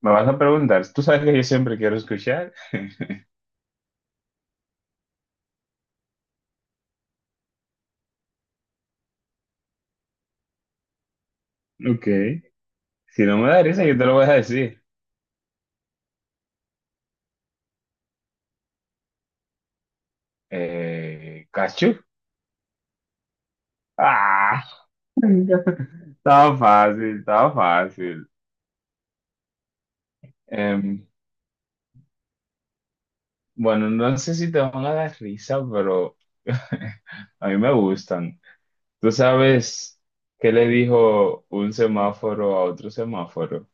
Me vas a preguntar, tú sabes que yo siempre quiero escuchar. Ok. Si no me da risa, yo te lo voy a decir. ¿Cachu? Ah, estaba fácil, estaba fácil. Em, bueno, no sé si te van a dar risa, pero a mí me gustan. ¿Tú sabes qué le dijo un semáforo a otro semáforo?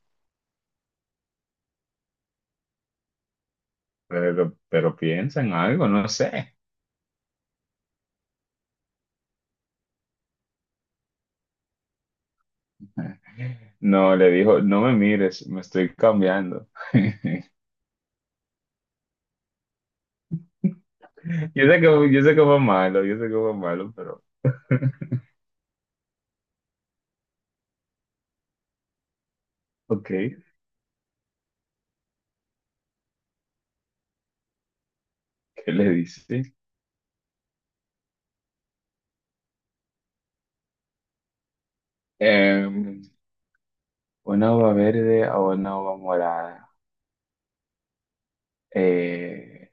Pero piensa en algo, no sé. No, le dijo, no me mires, me estoy cambiando. Yo sé que fue malo, yo sé que fue malo, pero ok, ¿qué le dice? Em, una uva verde a una uva morada. Eh,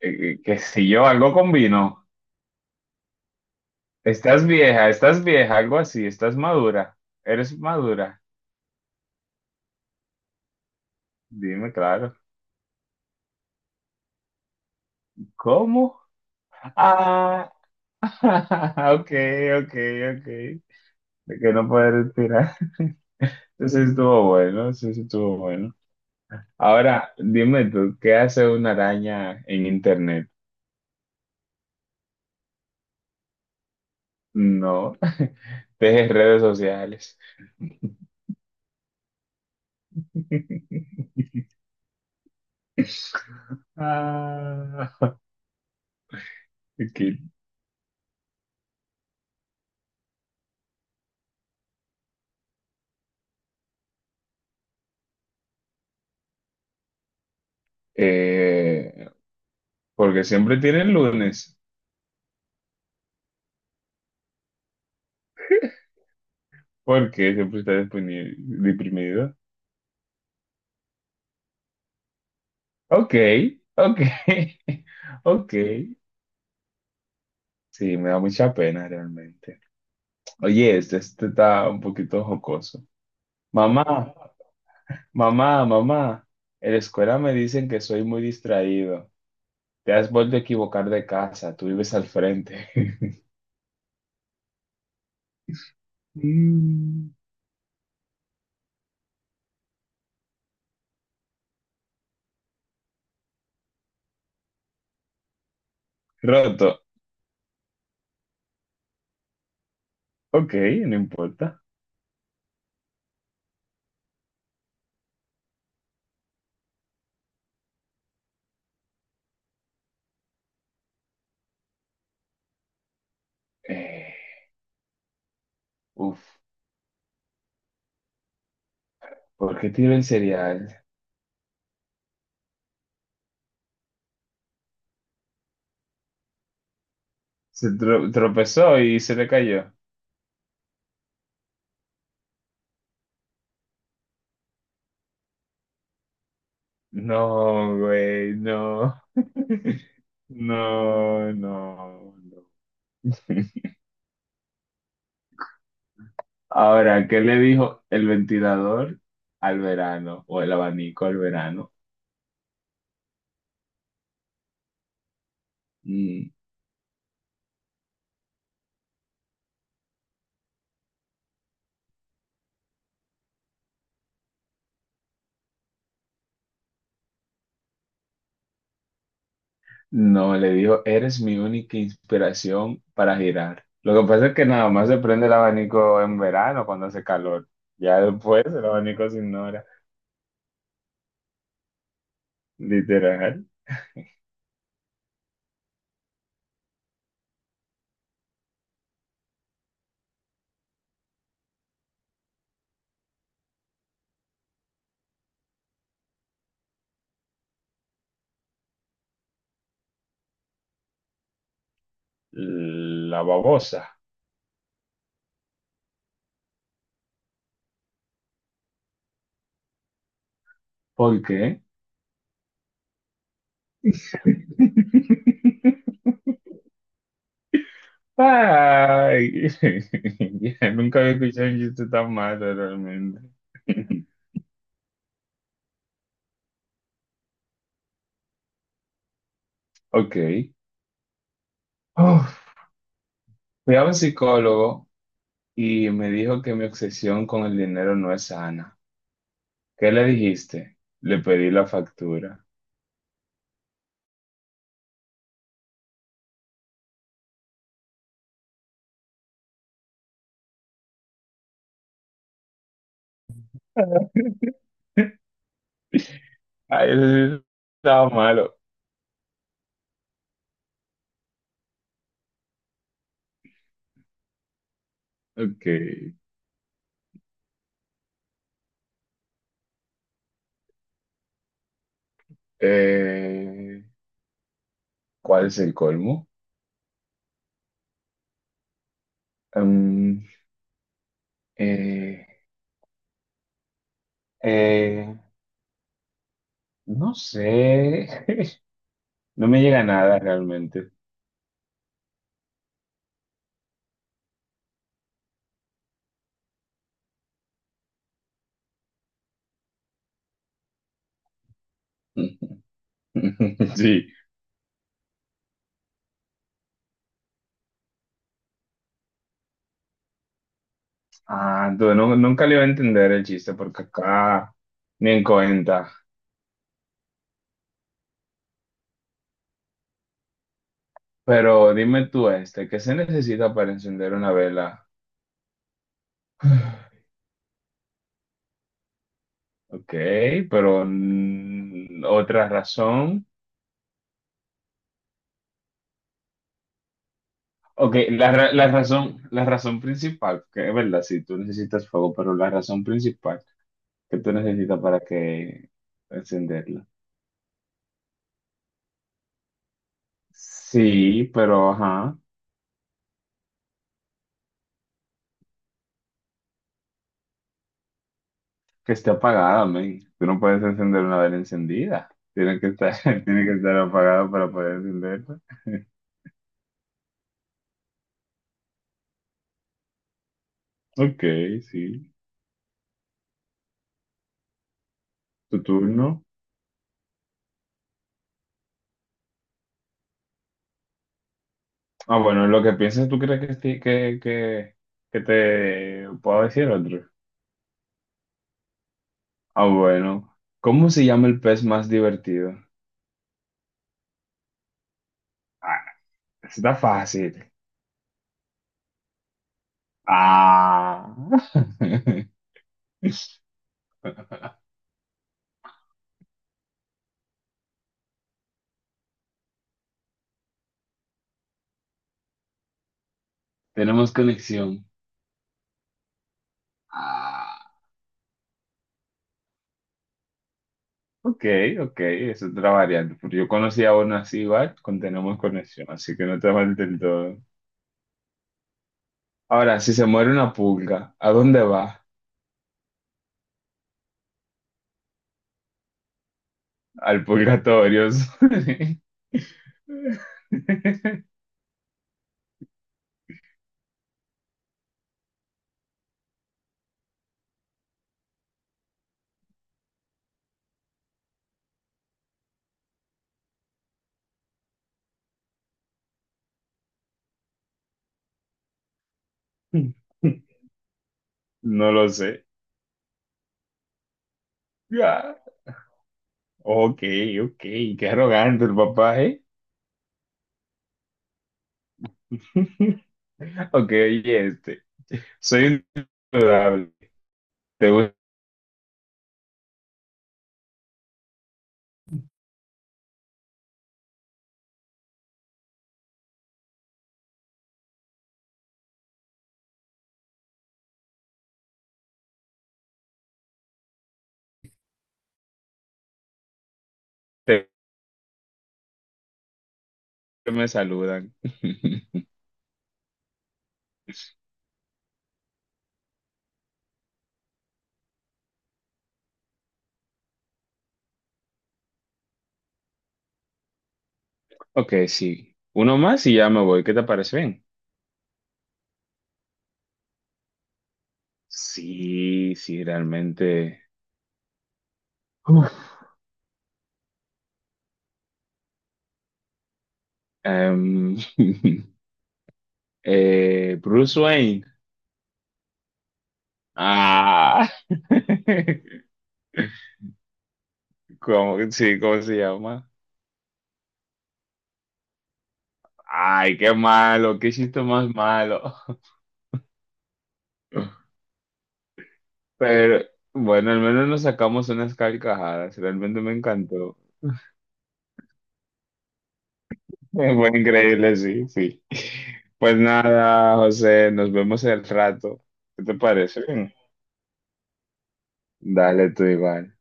qué sé yo, algo con vino. Estás vieja, algo así, estás madura, eres madura. Dime, claro. ¿Cómo? Ah, ok, ok, ok. De que no puedo respirar. Entonces estuvo bueno, sí, sí estuvo bueno. Ahora, dime tú, ¿qué hace una araña en internet? No, teje redes sociales. Ah, aquí. Eh, porque siempre tiene el lunes. Porque siempre está deprimido. Ok, ok, ok. Sí, me da mucha pena realmente. Oye, este está un poquito jocoso. Mamá, mamá, mamá. En la escuela me dicen que soy muy distraído. Te has vuelto a equivocar de casa, tú vives al frente. Mm, roto. Ok, no importa. Eh, uf, ¿por qué tiró el cereal? Tropezó y se le cayó. No, güey, no. No, no, no. Ahora, ¿qué le dijo el ventilador al verano o el abanico al verano? Mm. No, le dijo, eres mi única inspiración para girar. Lo que pasa es que nada más se prende el abanico en verano cuando hace calor. Ya después el abanico se ignora. Literal, la babosa. ¿Por qué? Ay, ya, nunca había escuchado un chiste tan malo realmente. Ok. Uf, fui a un psicólogo y me dijo que mi obsesión con el dinero no es sana. ¿Qué le dijiste? Le pedí la factura. Ay, eso sí estaba malo. Ok. Eh, ¿Cuál es el colmo? Mm, eh, eh, no sé. No me llega nada realmente. Sí. Ah, tú no- nunca le iba a entender el chiste porque acá ni en cuenta. Pero dime tú este, ¿qué se necesita para encender una vela? Ok, pero mm, otra razón. Ok, la razón principal, que es verdad, si tú necesitas fuego, pero la razón principal que tú necesitas para que encenderla. Sí, pero ajá, que esté apagada, men. Tú no puedes encender una vela encendida. Tiene que estar, tiene que estar apagada para poder encenderla. Ok, sí. Tu turno. Ah, bueno, lo que piensas, ¿tú crees que, esti- que te puedo decir otro? Ah, bueno. ¿Cómo se llama el pez más divertido? Está fácil. Ah. Tenemos conexión. Ah. Ok, ok, es otra variante. Porque yo conocía a uno así igual, con tenemos conexión, así que no está mal del todo. Ahora, si se muere una pulga, ¿a dónde va? Al purgatorio. No lo sé. Ya. Ok, ok, qué arrogante el papá, ¿eh? Ok, oye, este. Soy un Te gusta que me saludan. Ok, sí. Uno más y ya me voy. ¿Qué te parece bien? Sí, sí, realmente. Uf. Em, Bruce Wayne. Ah. ¿Cómo, sí, cómo se llama? Ay, qué malo, qué chiste más malo. Pero bueno, al menos nos sacamos unas carcajadas. Realmente me encantó. Fue increíble, sí, sí. Pues nada, José, nos vemos el rato. ¿Qué te parece? Dale tú igual.